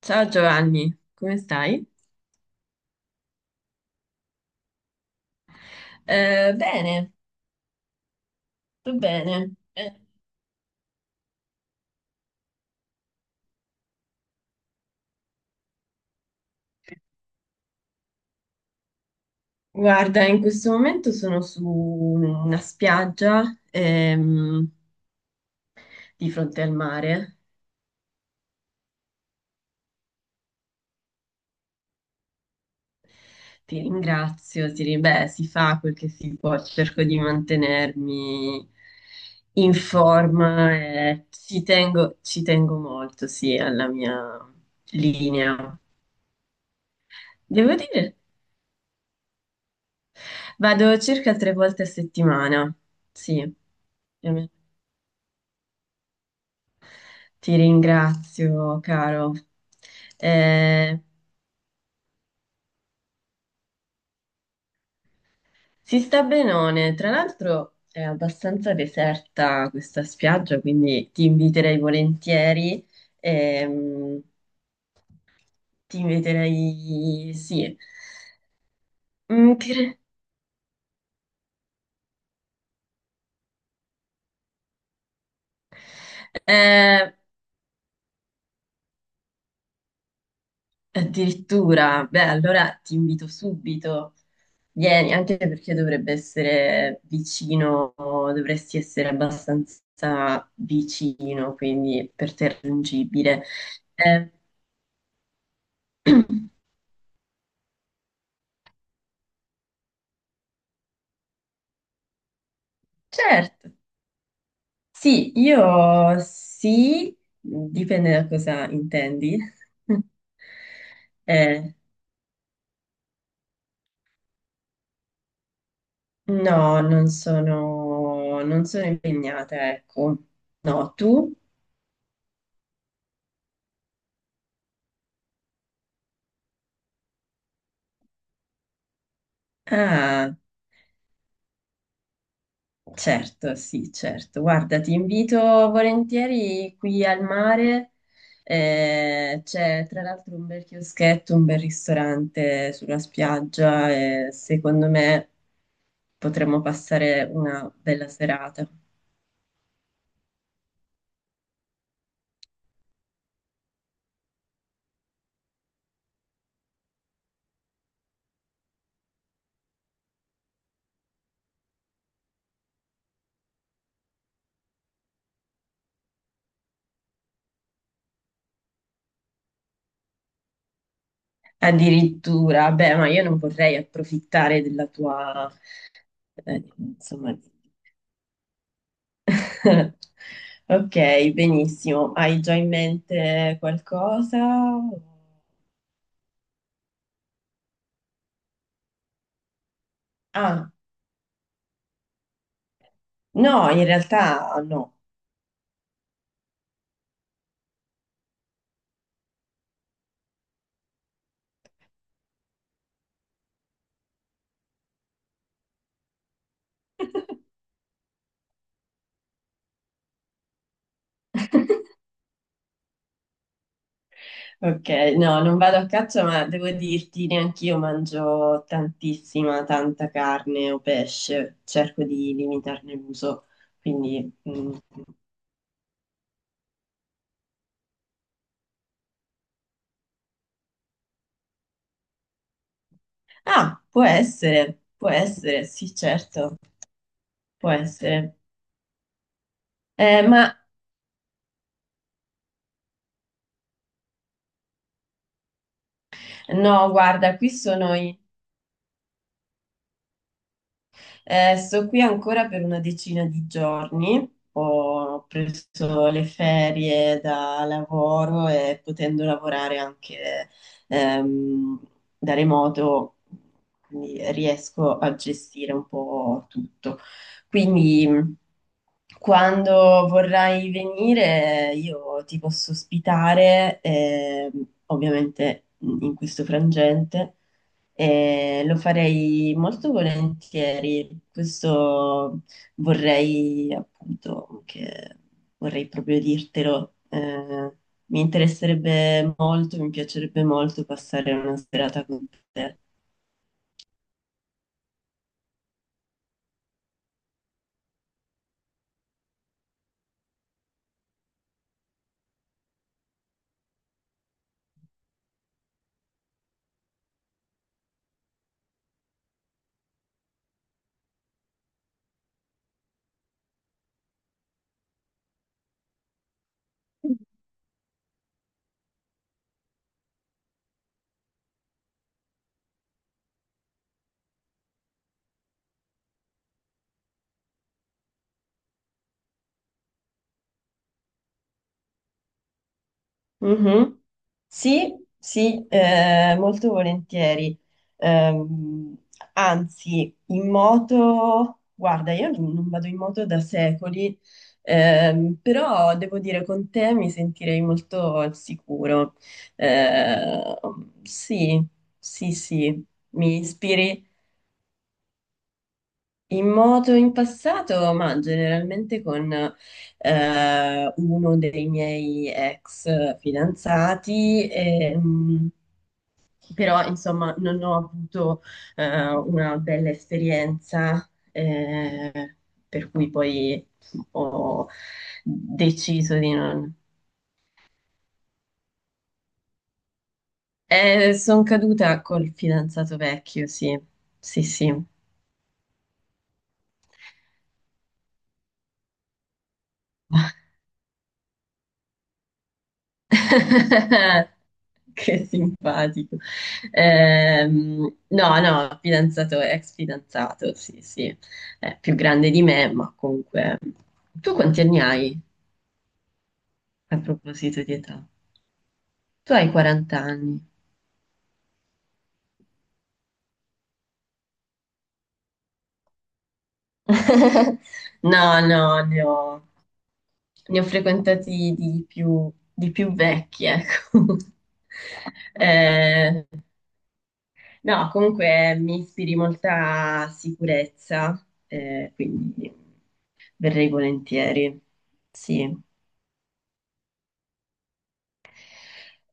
Ciao Giovanni, come stai? Bene, tutto bene. Guarda, in questo momento sono su una spiaggia, ehm, di fronte al mare. Ti ringrazio, beh, si fa quel che si può, cerco di mantenermi in forma e ci tengo molto, sì, alla mia linea. Devo dire. Vado circa 3 volte a settimana, sì. Ehm, Ti ringrazio, caro. Eh, si sta benone. Tra l'altro è abbastanza deserta questa spiaggia, quindi ti inviterei volentieri. ehm, Ti inviterei, sì. Mm, cre- eh, Addirittura, beh, allora ti invito subito. Vieni, anche perché dovrebbe essere vicino, dovresti essere abbastanza vicino, quindi per te raggiungibile. Eh, certo, sì, io sì, dipende da cosa intendi. Eh, no, non sono impegnata, ecco. No, tu? Ah. Certo, sì, certo. Guarda, ti invito volentieri qui al mare. C'è tra l'altro un bel chioschetto, un bel ristorante sulla spiaggia e secondo me potremmo passare una bella serata. Addirittura, beh, ma io non vorrei approfittare della tua, insomma... Ok, benissimo. Hai già in mente qualcosa? Ah. No, in realtà no. Ok, no, non vado a caccia, ma devo dirti, neanch'io mangio tantissima, tanta carne o pesce, cerco di limitarne l'uso, quindi... mm. Ah, può essere, sì, certo, può essere. Eh, ma no, guarda, eh, sto qui ancora per una decina di giorni. Ho preso le ferie da lavoro e potendo lavorare anche ehm, da remoto, quindi riesco a gestire un po' tutto. Quindi quando vorrai venire, io ti posso ospitare, ovviamente in questo frangente e lo farei molto volentieri. Questo vorrei appunto che Vorrei proprio dirtelo. Mi interesserebbe molto, mi piacerebbe molto passare una serata con te. Sì, sì, molto volentieri. Ehm, Anzi, in moto, guarda, io non vado in moto da secoli, però devo dire con te mi sentirei molto al sicuro. Eh, sì, sì, sì, mi ispiri in moto in passato, ma generalmente con uno dei miei ex fidanzati. Però insomma non ho avuto una bella esperienza, per cui poi ho deciso di non... sono caduta col fidanzato vecchio, sì, sì, sì. Che simpatico. No, no, fidanzato, ex fidanzato, sì, sì, è più grande di me, ma comunque... Tu quanti anni hai a proposito di età? Tu hai 40 anni. No, no, ne ho, ne ho frequentati di più vecchi, ecco. Eh, no, comunque mi ispiri molta sicurezza, quindi verrei volentieri, sì.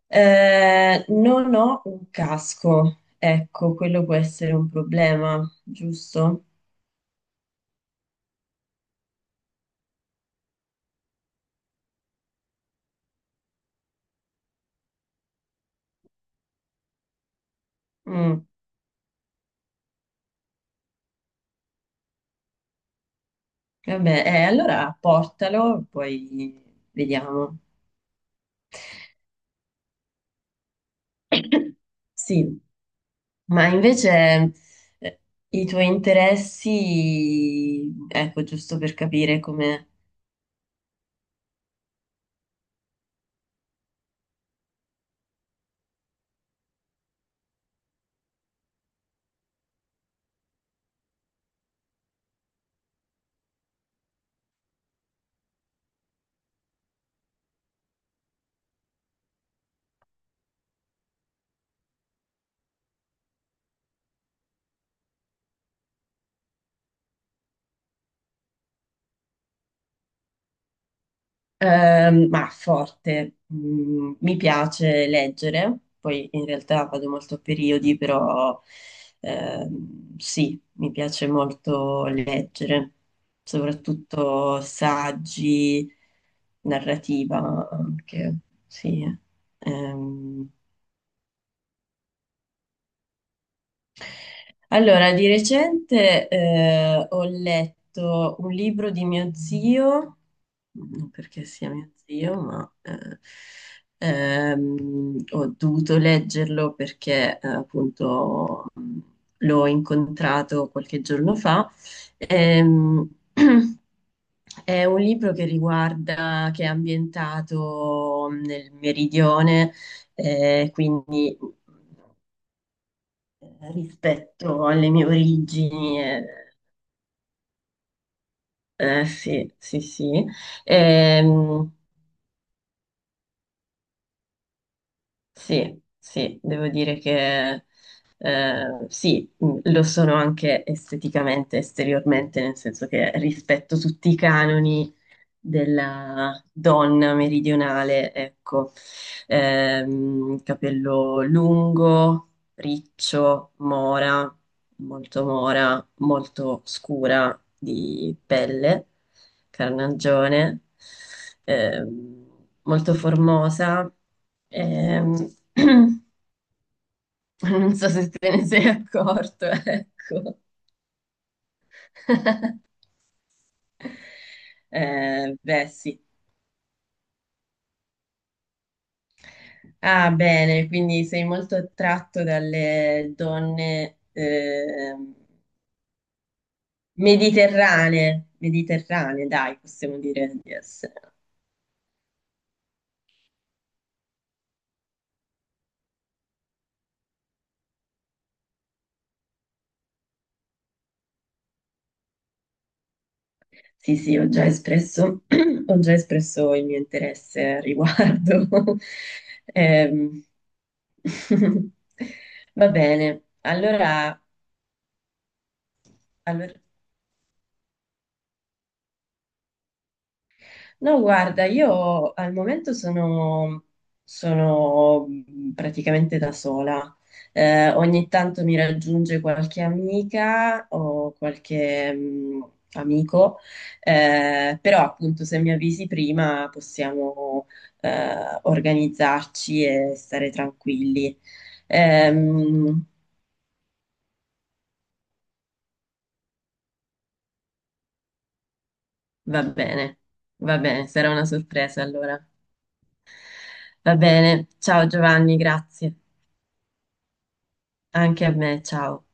Non ho un casco, ecco, quello può essere un problema, giusto? Mm, Vabbè, allora portalo, poi vediamo. Sì, ma invece eh, i tuoi interessi, ecco, giusto per capire come, ma forte, mm, mi piace leggere, poi in realtà vado molto a periodi, però sì, mi piace molto leggere, soprattutto saggi, narrativa anche, sì. Ehm, Allora, di recente ho letto un libro di mio zio, non perché sia mio zio, ma ho dovuto leggerlo perché appunto l'ho incontrato qualche giorno fa. Ehm, è un libro che riguarda, che è ambientato nel meridione, quindi rispetto alle mie origini. Eh, sì, sì, sì. Ehm, sì, sì, devo dire che sì, lo sono anche esteticamente, esteriormente, nel senso che rispetto tutti i canoni della donna meridionale, ecco. Capello lungo, riccio, mora, molto scura di pelle, carnagione, ehm, molto formosa, ehm, non so se te ne sei accorto, ecco. Beh, sì. Ah, bene, quindi sei molto attratto dalle donne mediterranee, mediterranee, dai, possiamo dire di essere. Sì, sì, ho già espresso, ho già espresso il mio interesse al riguardo. Ehm, Va bene, allora, allora no, guarda, io al momento sono, sono mhmm, praticamente da sola. Ogni tanto mi raggiunge qualche amica o qualche amico, però appunto se mi avvisi prima possiamo organizzarci e stare tranquilli. Ehm, Va bene, va bene, sarà una sorpresa allora. Va bene, ciao Giovanni, grazie. Anche a me, ciao.